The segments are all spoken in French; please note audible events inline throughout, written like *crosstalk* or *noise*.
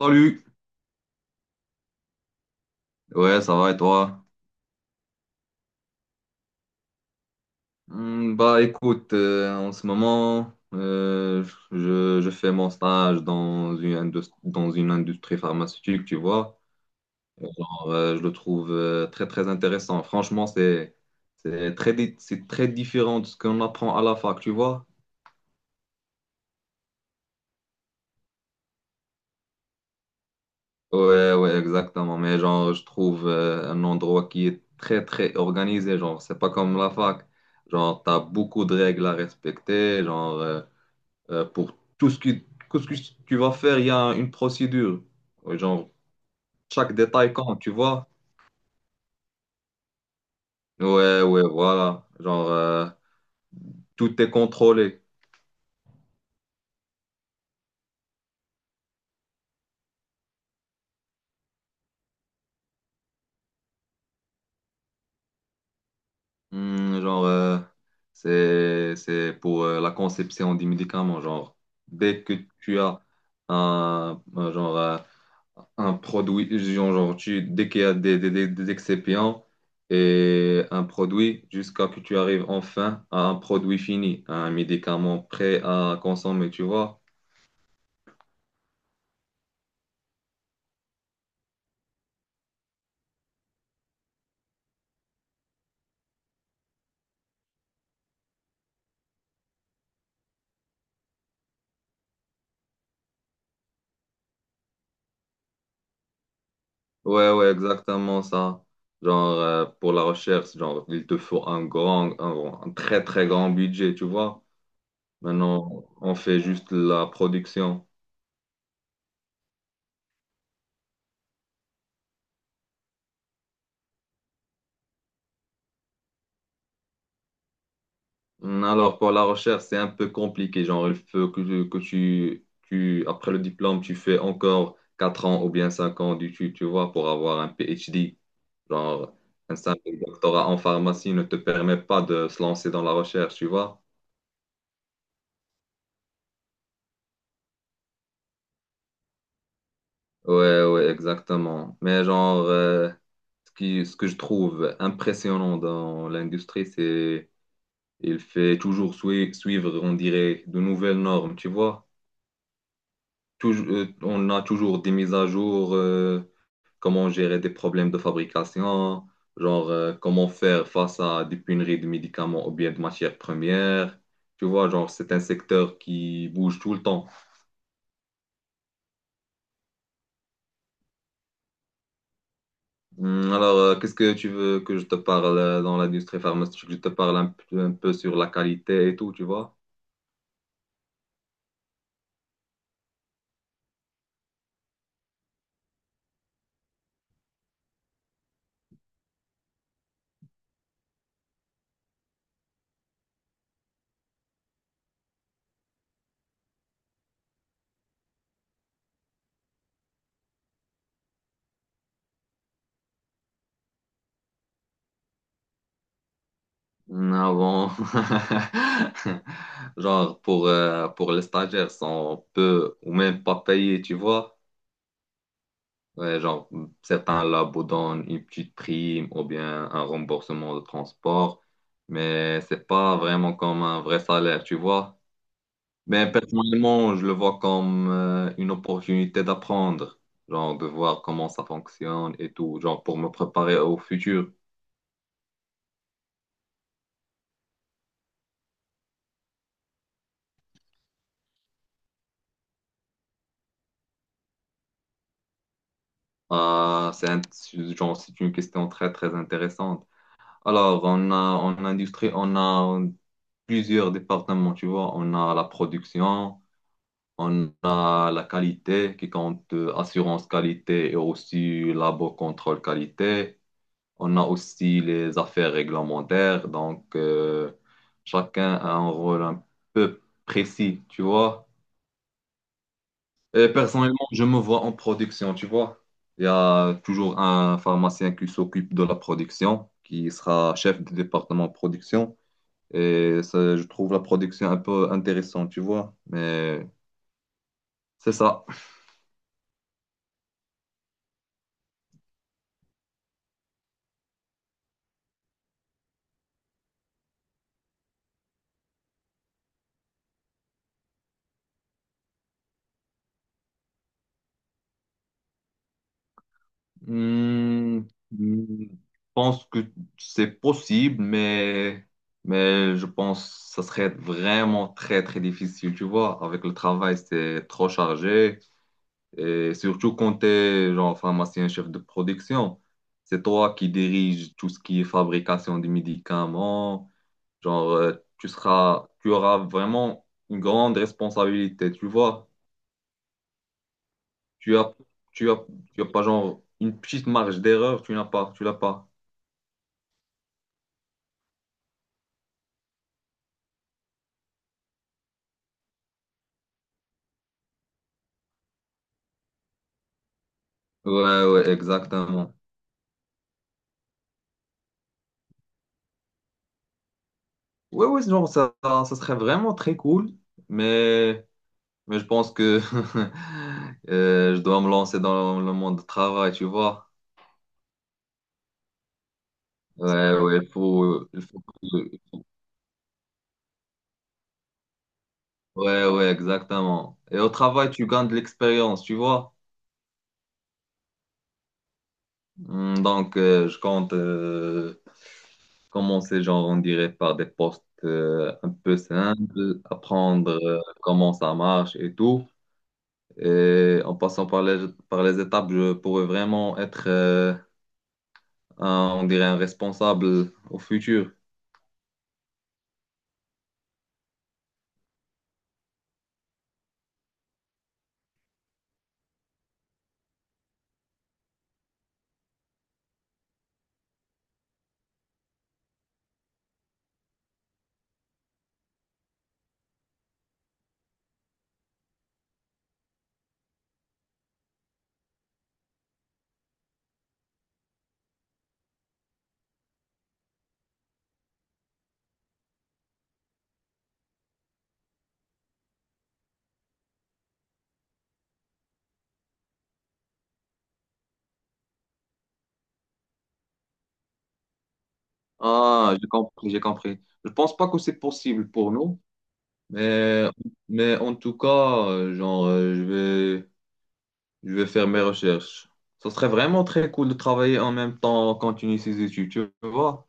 Salut, ouais, ça va et toi? Bah écoute, en ce moment, je fais mon stage dans dans une industrie pharmaceutique, tu vois. Alors, je le trouve très très intéressant. Franchement, c'est c'est très différent de ce qu'on apprend à la fac, tu vois. Ouais, ouais, exactement. Mais genre, je trouve un endroit qui est très, très organisé. Genre, c'est pas comme la fac. Genre, t'as beaucoup de règles à respecter. Pour tout ce que tu vas faire, il y a une procédure. Ouais, genre, chaque détail compte, tu vois? Ouais, ouais, voilà. Genre, tout est contrôlé. Genre, c'est pour la conception des médicaments. Genre, dès que tu as un genre, un produit, dès qu'il y a des excipient et un produit, jusqu'à que tu arrives enfin à un produit fini, à un médicament prêt à consommer, tu vois? Ouais, ouais, exactement ça. Genre, pour la recherche, genre, il te faut un très, très grand budget, tu vois? Maintenant, on fait juste la production. Mm, alors, pour la recherche, c'est un peu compliqué. Genre, il faut que tu- tu- après le diplôme, tu fais encore 4 ans ou bien 5 ans d'études, tu vois, pour avoir un PhD. Genre, un simple doctorat en pharmacie ne te permet pas de se lancer dans la recherche, tu vois. Ouais, ouais, exactement. Mais genre, ce que je trouve impressionnant dans l'industrie, c'est il fait suivre, on dirait, de nouvelles normes, tu vois. On a toujours des mises à jour. Comment gérer des problèmes de fabrication, genre comment faire face à des pénuries de médicaments ou bien de matières premières. Tu vois, genre, c'est un secteur qui bouge tout le temps. Alors, qu'est-ce que tu veux que je te parle dans l'industrie pharmaceutique? Je te parle un peu sur la qualité et tout, tu vois? Avant, *laughs* genre, pour les stagiaires, sont peu ou même pas payés, tu vois? Ouais, genre, certains labos donnent une petite prime ou bien un remboursement de transport, mais c'est pas vraiment comme un vrai salaire, tu vois. Mais personnellement, je le vois comme une opportunité d'apprendre, genre de voir comment ça fonctionne et tout, genre pour me préparer au futur. Ah, c'est un- genre, c'est une question très, très intéressante. Alors, en industrie, on a plusieurs départements, tu vois. On a la production. On a la qualité qui compte assurance qualité et aussi labo contrôle qualité. On a aussi les affaires réglementaires. Donc, chacun a un rôle un peu précis, tu vois. Et personnellement, je me vois en production, tu vois. Il y a toujours un pharmacien qui s'occupe de la production, qui sera chef du département production. Et ça, je trouve la production un peu intéressante, tu vois. Mais c'est ça. Hmm, je pense que c'est possible, mais je pense que ça serait vraiment très, très difficile, tu vois. Avec le travail, c'est trop chargé. Et surtout quand t'es, genre, pharmacien, chef de production, c'est toi qui dirige tout ce qui est fabrication des médicaments. Genre, tu auras vraiment une grande responsabilité, tu vois. Tu as, tu as, tu as pas, genre, une petite marge d'erreur, tu n'as pas, tu l'as pas. Ouais, ouais, exactement. Ouais, ouais, genre, ça serait vraiment très cool, mais, mais je pense que *laughs* je dois me lancer dans le monde du travail, tu vois. Ouais, ouais, il faut que- ouais, ouais, exactement. Et au travail, tu gagnes de l'expérience, tu vois. Hmm, donc, je compte commencer, genre, on dirait, par des postes un peu simples, apprendre comment ça marche et tout. Et en passant par par les étapes, je pourrais vraiment être, on dirait, un responsable au futur. Ah, j'ai compris, j'ai compris. Je pense pas que c'est possible pour nous, mais, mais en tout cas, genre, je vais faire mes recherches. Ce serait vraiment très cool de travailler en même temps, continuer ses études, tu vois?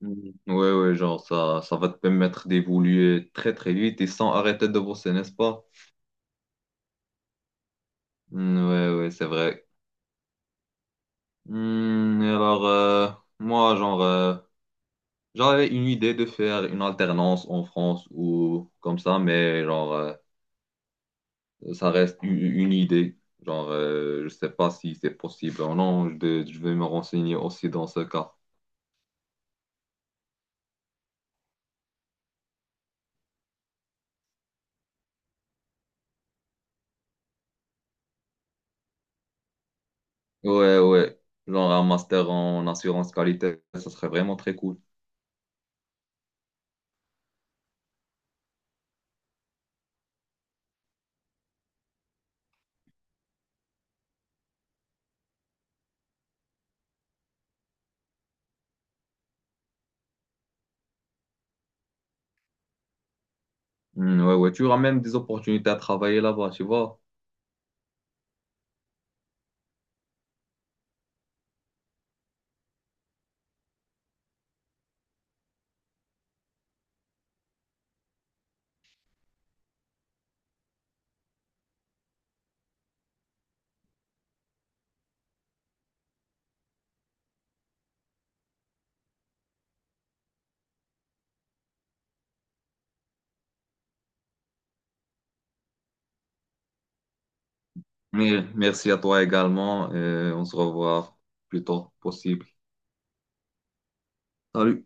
Mhm. Ouais, ouais, genre, ça va te permettre d'évoluer très, très vite et sans arrêter de bosser, n'est-ce pas? Mm, ouais, ouais, c'est vrai. Hmm, alors, moi, genre, j'avais une idée de faire une alternance en France ou comme ça, mais genre, une idée. Genre, je sais pas si c'est possible ou non. Je vais me renseigner aussi dans ce cas. Ouais, ouais. Genre, un master en assurance qualité, ça serait vraiment très cool. Hmm, ouais, ouais. Tu auras même des opportunités à travailler là-bas, tu vois. Mais merci à toi également. Et on se revoit plus tôt possible. Salut.